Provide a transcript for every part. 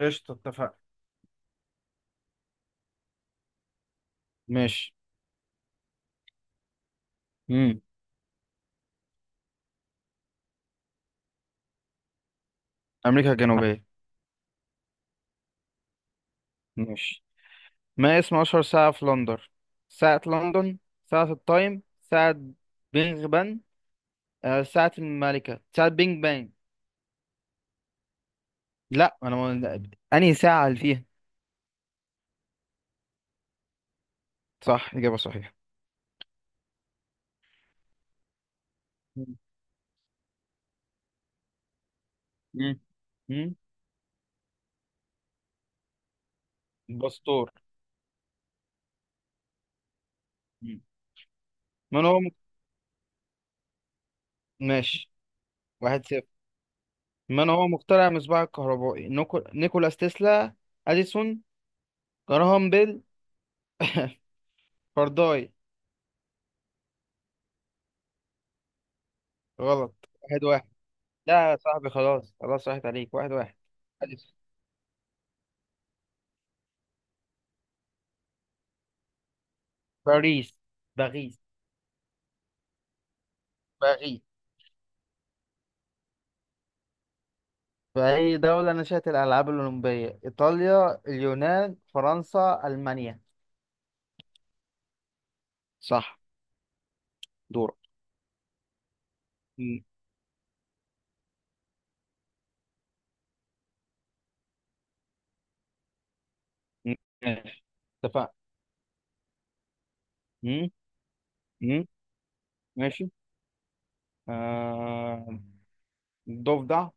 قشطة، اتفقنا. ماشي. امم امريكا الجنوبيه. ماشي. ما اسم اشهر ساعه في لندن؟ ساعه لندن، ساعه التايم، ساعه بينغ بان. ساعه الملكه، ساعه بينج بان. لا، انا ما... انهي ساعه اللي فيها؟ صح، اجابه صحيحه. مم. مم. الباسطور. مم. من هو مك... ماشي. واحد صفر. من هو مخترع المصباح الكهربائي؟ نيكولاس تسلا، اديسون، جراهام بيل، فارداي. غلط. واحد واحد. لا يا صاحبي، خلاص خلاص راحت عليك. واحد واحد. باريس. باريس. باريس. باريس. فأي دولة نشأت الألعاب الأولمبية؟ إيطاليا، اليونان، فرنسا، ألمانيا. صح. دورك. م- م- ماشي، اتفقنا. م- م- ماشي. آه... ضفدع.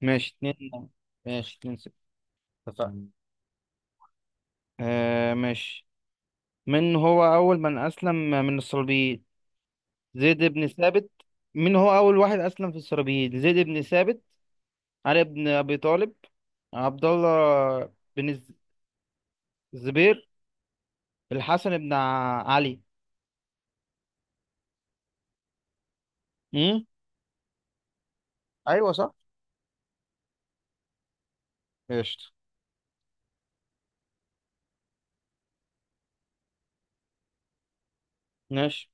ماشي اتنين ماشي اتنين ستة. اتفقنا. آه، ماشي. من هو أول من أسلم من الصليبيين؟ زيد بن ثابت؟ من هو أول واحد أسلم في الصليبيين؟ زيد بن ثابت، علي بن أبي طالب، عبد الله بن الز- الزبير، الحسن بن علي. امم ايوه، صح. قشطة. ماشي.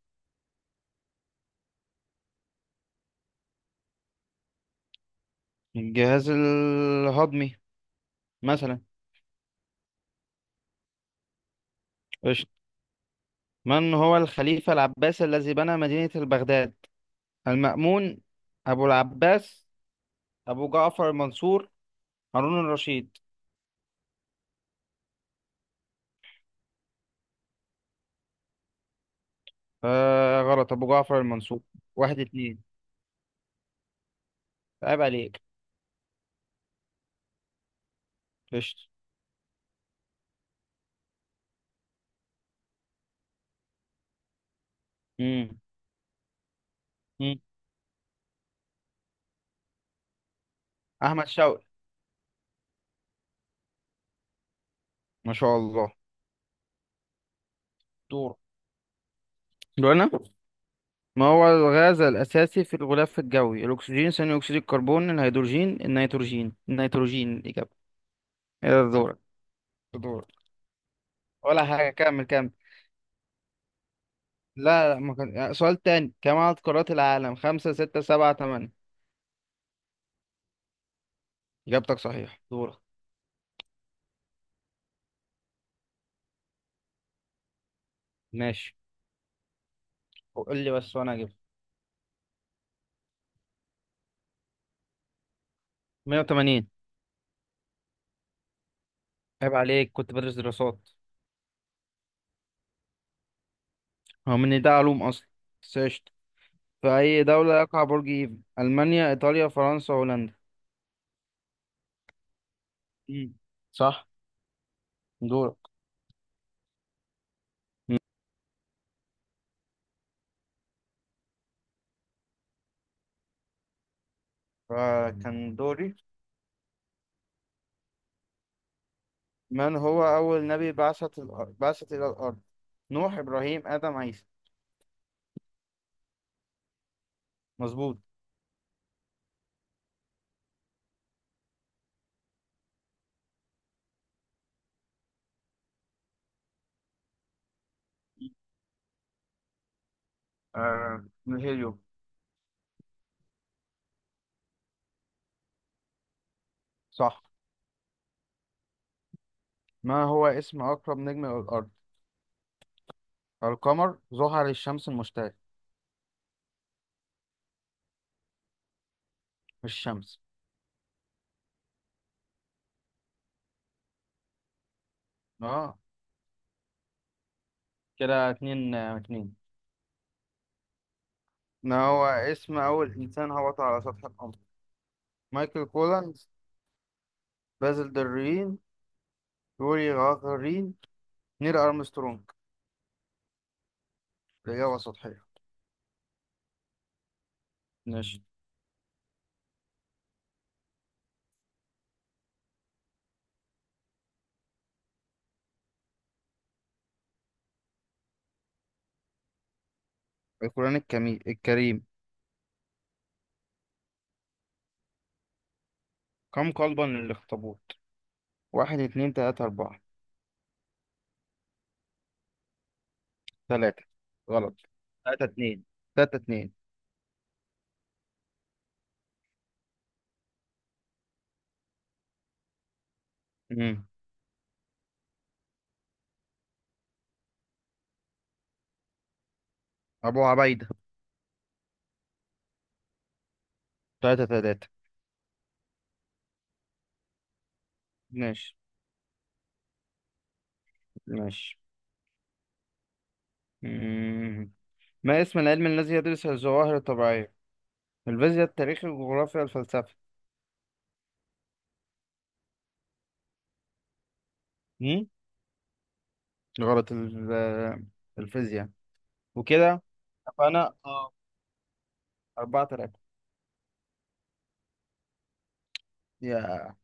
الجهاز الهضمي، مثلا. قشطة. من هو الخليفة العباسي الذي بنى مدينة بغداد؟ المأمون، أبو العباس، أبو جعفر المنصور، هارون الرشيد. آه غلط، أبو جعفر المنصور. واحد اتنين، عيب عليك. قشطة. مم. مم. أحمد شوقي. ما شاء الله. دور دور أنا. ما هو الغاز الأساسي في الغلاف الجوي؟ الأكسجين، ثاني أكسيد الكربون، الهيدروجين، النيتروجين. النيتروجين الإجابة. يا دورك، دورك. ولا حاجة، كمل كمل. لا لا، ما كان، سؤال تاني. كم عدد قارات العالم؟ خمسة، ستة، سبعة، تمانية. إجابتك صحيح. دورك. ماشي، قول لي بس وأنا أجيب. 180. عيب عليك، كنت بدرس دراسات. هو من ده علوم أصلا، بس قشطة. في أي دولة يقع برج إيفل؟ ألمانيا، إيطاليا، فرنسا، هولندا. مم. صح. دورك. مم. فكان دوري. من هو أول نبي بعثت الأرض، بعثت إلى الأرض؟ نوح، إبراهيم، آدم، عيسى. مظبوط. آه، من الهيليوم. صح. ما هو اسم أقرب نجم إلى الأرض؟ القمر، زحل، الشمس، المشتري. مش الشمس؟ اه. كده اتنين، اتنين. ما هو اسم أول إنسان هبط على سطح القمر؟ مايكل كولانز، بازل درين، يوري غاغارين، نيل أرمسترونج. الإجابة سطحية. ماشي. القرآن الكريم. كم قلبا للأخطبوط؟ واحد، اتنين، تلاتة، أربعة. ثلاثة. غلط. تلاتة اتنين. تلاتة اتنين. مم. أبو عبيدة. تلاتة تلاتة. ماشي. ماشي. مم. ما اسم العلم الذي يدرس الظواهر الطبيعية؟ الفيزياء، التاريخ، الجغرافيا، الفلسفة. مم؟ غلط. الفيزياء، وكده. فأنا اه، أربعة تلاتة. يا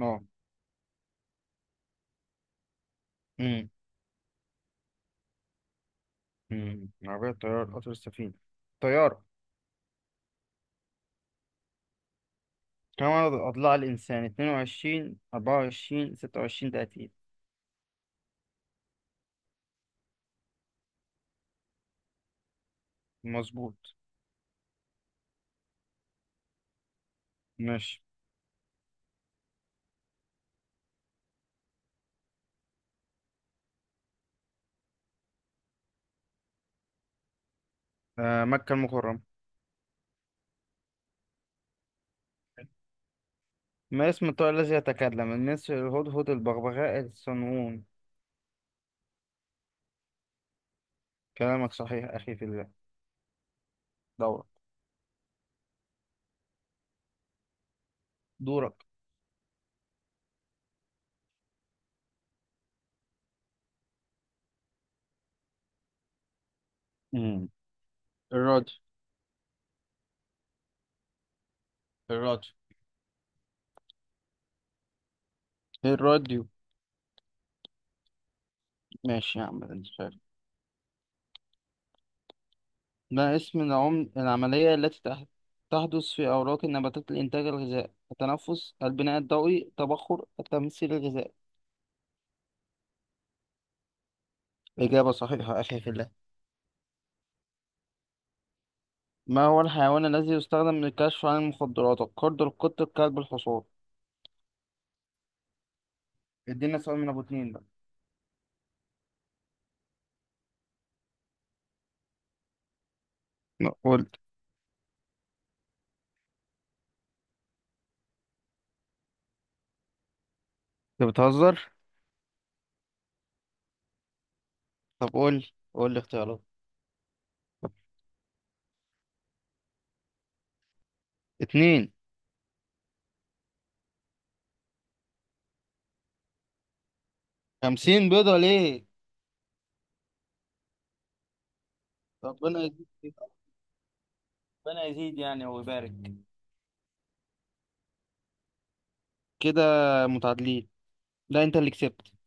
اه. امم عربية، طيار، قطر، السفينة. طيارة. كم عدد أضلاع الإنسان؟ 22، 24، 26، 30. مظبوط. ماشي. مكة المكرمة. ما اسم الطائر الذي يتكلم؟ النسر، الهدهد، البغبغاء، الصنوون. كلامك صحيح أخي في الله. دورك. دورك. مم. الراديو. الراديو. الراديو. ماشي يا عم، انت شايف. ما اسم العملية التي تحدث في أوراق النباتات لإنتاج الغذاء؟ التنفس، البناء الضوئي، التبخر، التمثيل الغذائي. إجابة صحيحة أخي في الله. ما هو الحيوان الذي يستخدم للكشف عن المخدرات؟ القرد، القط، الكلب، الحصان. ادينا سؤال من أبو اتنين بقى. نقول. انت بتهزر؟ طب قول، قول لي اختيارات. اتنين. خمسين بيضة ليه؟ ربنا يزيد، ربنا يزيد يعني ويبارك. كده متعادلين. لا، انت اللي كسبت.